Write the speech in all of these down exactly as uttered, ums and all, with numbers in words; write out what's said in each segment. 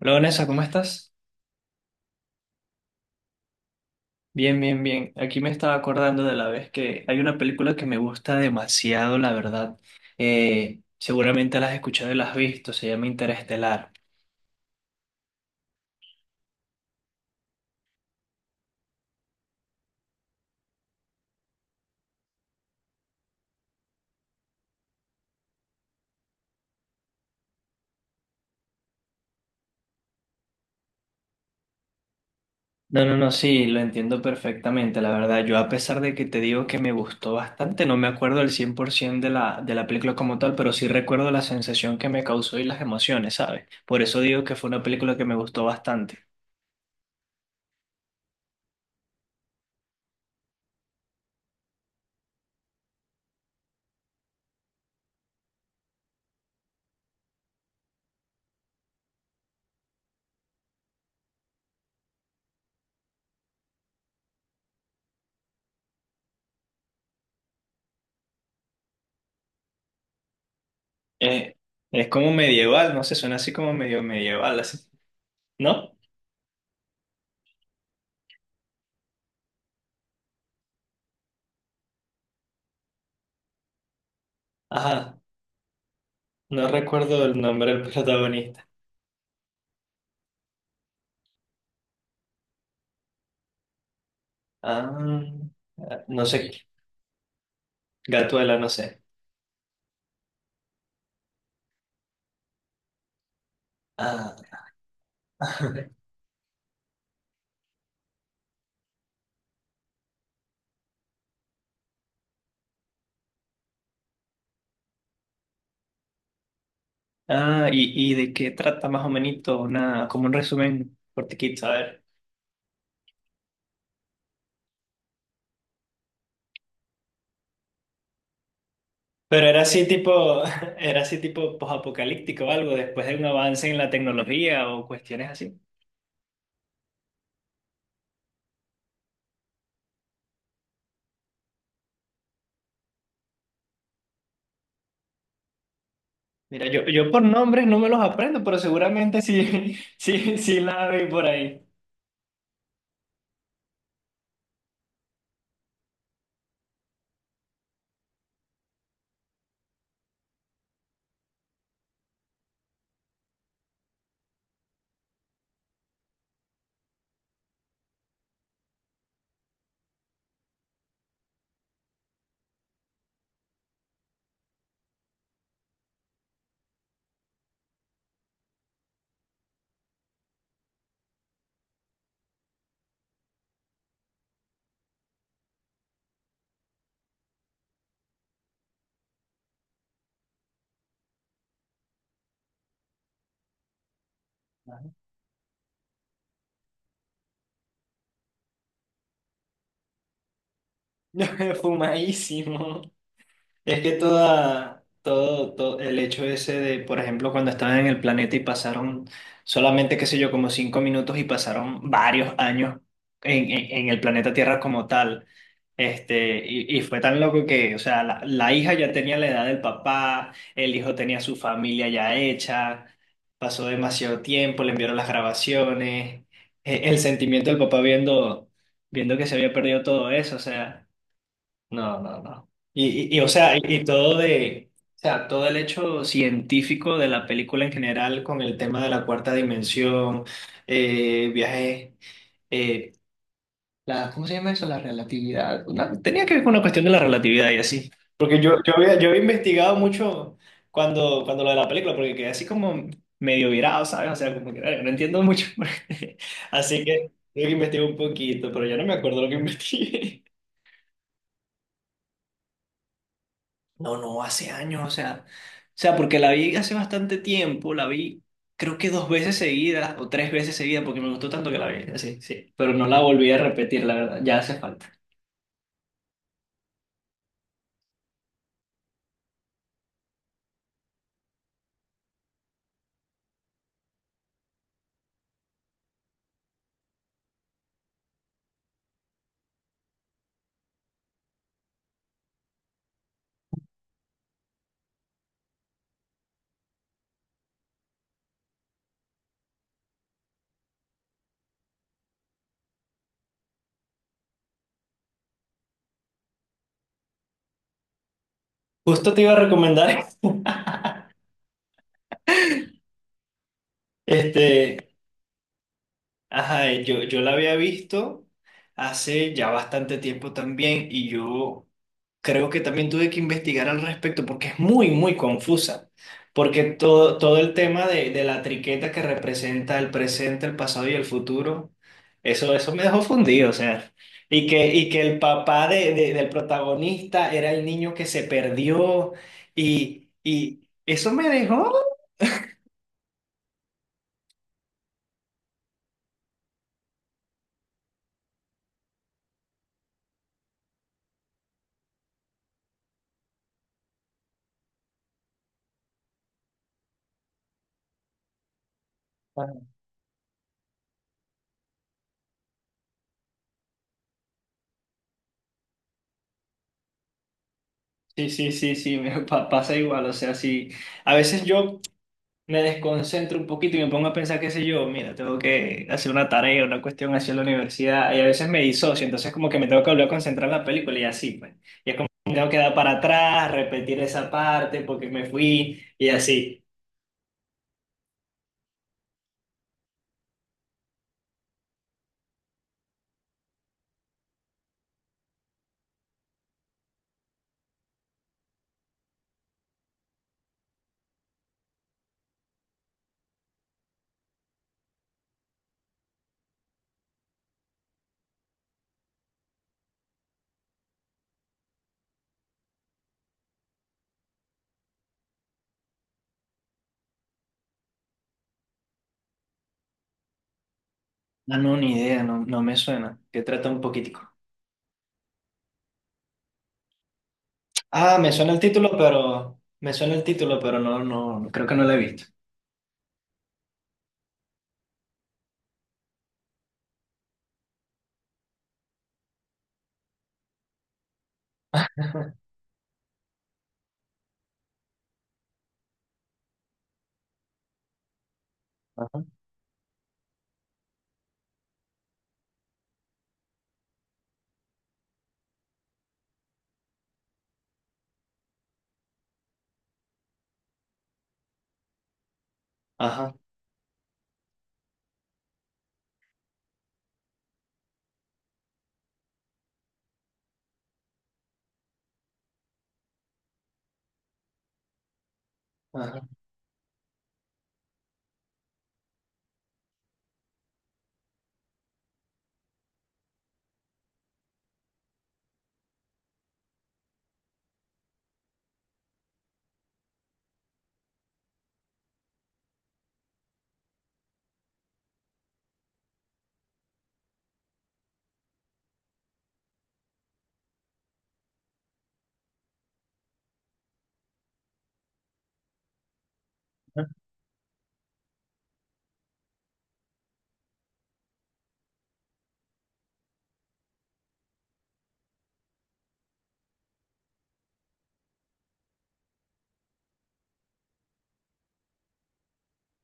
Hola Vanessa, ¿cómo estás? Bien, bien, bien. Aquí me estaba acordando de la vez que hay una película que me gusta demasiado, la verdad. Eh, seguramente la has escuchado y la has visto, se llama Interestelar. No, no, no, sí, lo entiendo perfectamente, la verdad. Yo a pesar de que te digo que me gustó bastante, no me acuerdo el cien por cien por ciento de la, de la película como tal, pero sí recuerdo la sensación que me causó y las emociones, ¿sabes? Por eso digo que fue una película que me gustó bastante. Eh, es como medieval, no sé, suena así como medio medieval, así, ¿no? Ajá. No recuerdo el nombre del protagonista. Ah, no sé. Gatuela, no sé. Ah, ah y, y de qué trata más o menos, una, como un resumen cortiquito, a ver. Pero era así tipo, era así tipo posapocalíptico o algo, después de un avance en la tecnología o cuestiones así. Mira, yo, yo por nombres no me los aprendo, pero seguramente sí, sí, sí la vi por ahí. Fumadísimo. Es que toda, todo, todo el hecho ese de, por ejemplo, cuando estaban en el planeta y pasaron solamente, qué sé yo, como cinco minutos y pasaron varios años en, en- en el planeta Tierra como tal. Este, y, y fue tan loco que, o sea, la, la hija ya tenía la edad del papá, el hijo tenía su familia ya hecha, pasó demasiado tiempo, le enviaron las grabaciones, e- el sentimiento del papá viendo, viendo que se había perdido todo eso, o sea. No, no, no. Y, y, y, o sea, y, y todo de, o sea, todo el hecho científico de la película en general con el tema de la cuarta dimensión, eh, viajes, eh, la, ¿cómo se llama eso? La relatividad. Una- tenía que ver con una cuestión de la relatividad y así. Porque yo, yo había, yo había investigado mucho cuando, cuando lo de la película, porque quedé así como medio virado, ¿sabes? O sea, como que "Ay, no entiendo mucho". Así que tuve que investigar un poquito, pero ya no me acuerdo lo que investigué. No, no, hace años, o sea, o sea, porque la vi hace bastante tiempo, la vi creo que dos veces seguidas o tres veces seguidas porque me gustó tanto que la vi, sí, sí, pero no la volví a repetir, la verdad, ya hace falta. Justo te iba a recomendar, este, ajá, yo, yo la había visto hace ya bastante tiempo también y yo creo que también tuve que investigar al respecto porque es muy, muy confusa. Porque todo, todo el tema de, de la triqueta que representa el presente, el pasado y el futuro, eso, eso me dejó fundido, o sea. Y que, y que el papá de, de- del protagonista era el niño que se perdió y, y eso me dejó... Ah, sí, sí, sí, sí, me pa- pasa igual, o sea, sí, a veces yo me desconcentro un poquito y me pongo a pensar, qué sé yo, mira, tengo que hacer una tarea, una cuestión hacia la universidad, y a veces me disocio, entonces como que me tengo que volver a concentrar en la película y así, pues. Y es como que tengo que dar para atrás, repetir esa parte porque me fui y así. Ah, no, ni idea, no, no me suena. ¿Qué trata un poquitico? Ah, me suena el título, pero me suena el título, pero no, no, creo que no lo he visto. Ajá, ajá, ajá.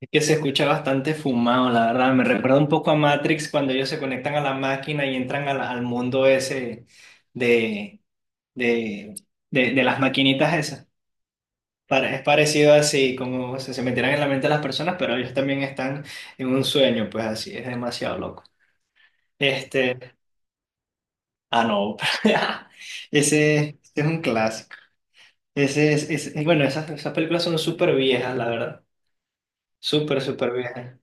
Es que se escucha bastante fumado, la verdad. Me recuerda un poco a Matrix cuando ellos se conectan a la máquina y entran al, al mundo ese de, de, de, de las maquinitas esas. Pare- Es parecido así, como se, se metieran en la mente de las personas, pero ellos también están en un sueño, pues así, es demasiado loco. Este, ah, no, ese, ese es un clásico. Ese, es, es- bueno, esas, esas películas son súper viejas, la verdad. Súper, súper viejas.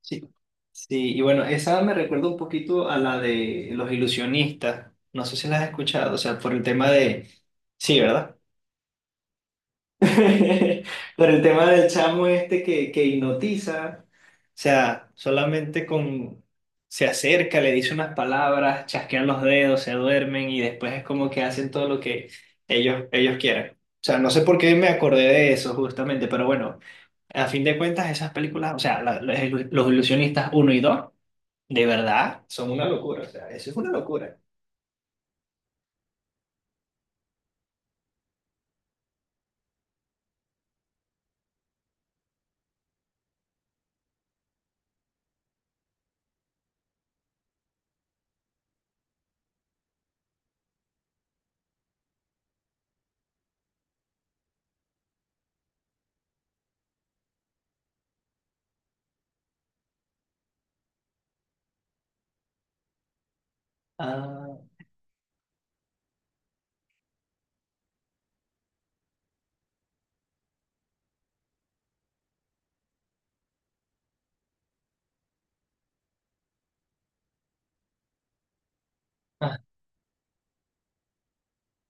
Sí, sí, y bueno, esa me recuerda un poquito a la de los ilusionistas. No sé si las has escuchado, o sea, por el tema de... Sí, ¿verdad? Por el tema del chamo este que, que hipnotiza, o sea, solamente con... Se acerca, le dice unas palabras, chasquean los dedos, se duermen y después es como que hacen todo lo que ellos, ellos quieran. O sea, no sé por qué me acordé de eso justamente, pero bueno, a fin de cuentas esas películas, o sea, la- la- los ilusionistas uno y dos. De verdad, son una locura, o sea, eso es una locura. Ah, ah,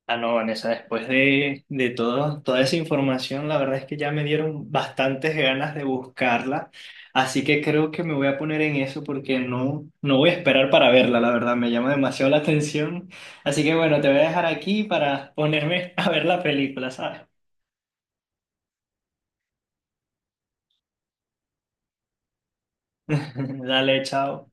ah, no, Vanessa, después de, de todo, toda esa información, la verdad es que ya me dieron bastantes ganas de buscarla, así que creo que me voy a poner en eso porque no, no voy a esperar para verla, la verdad, me llama demasiado la atención. Así que bueno, te voy a dejar aquí para ponerme a ver la película, ¿sabes? Dale, chao.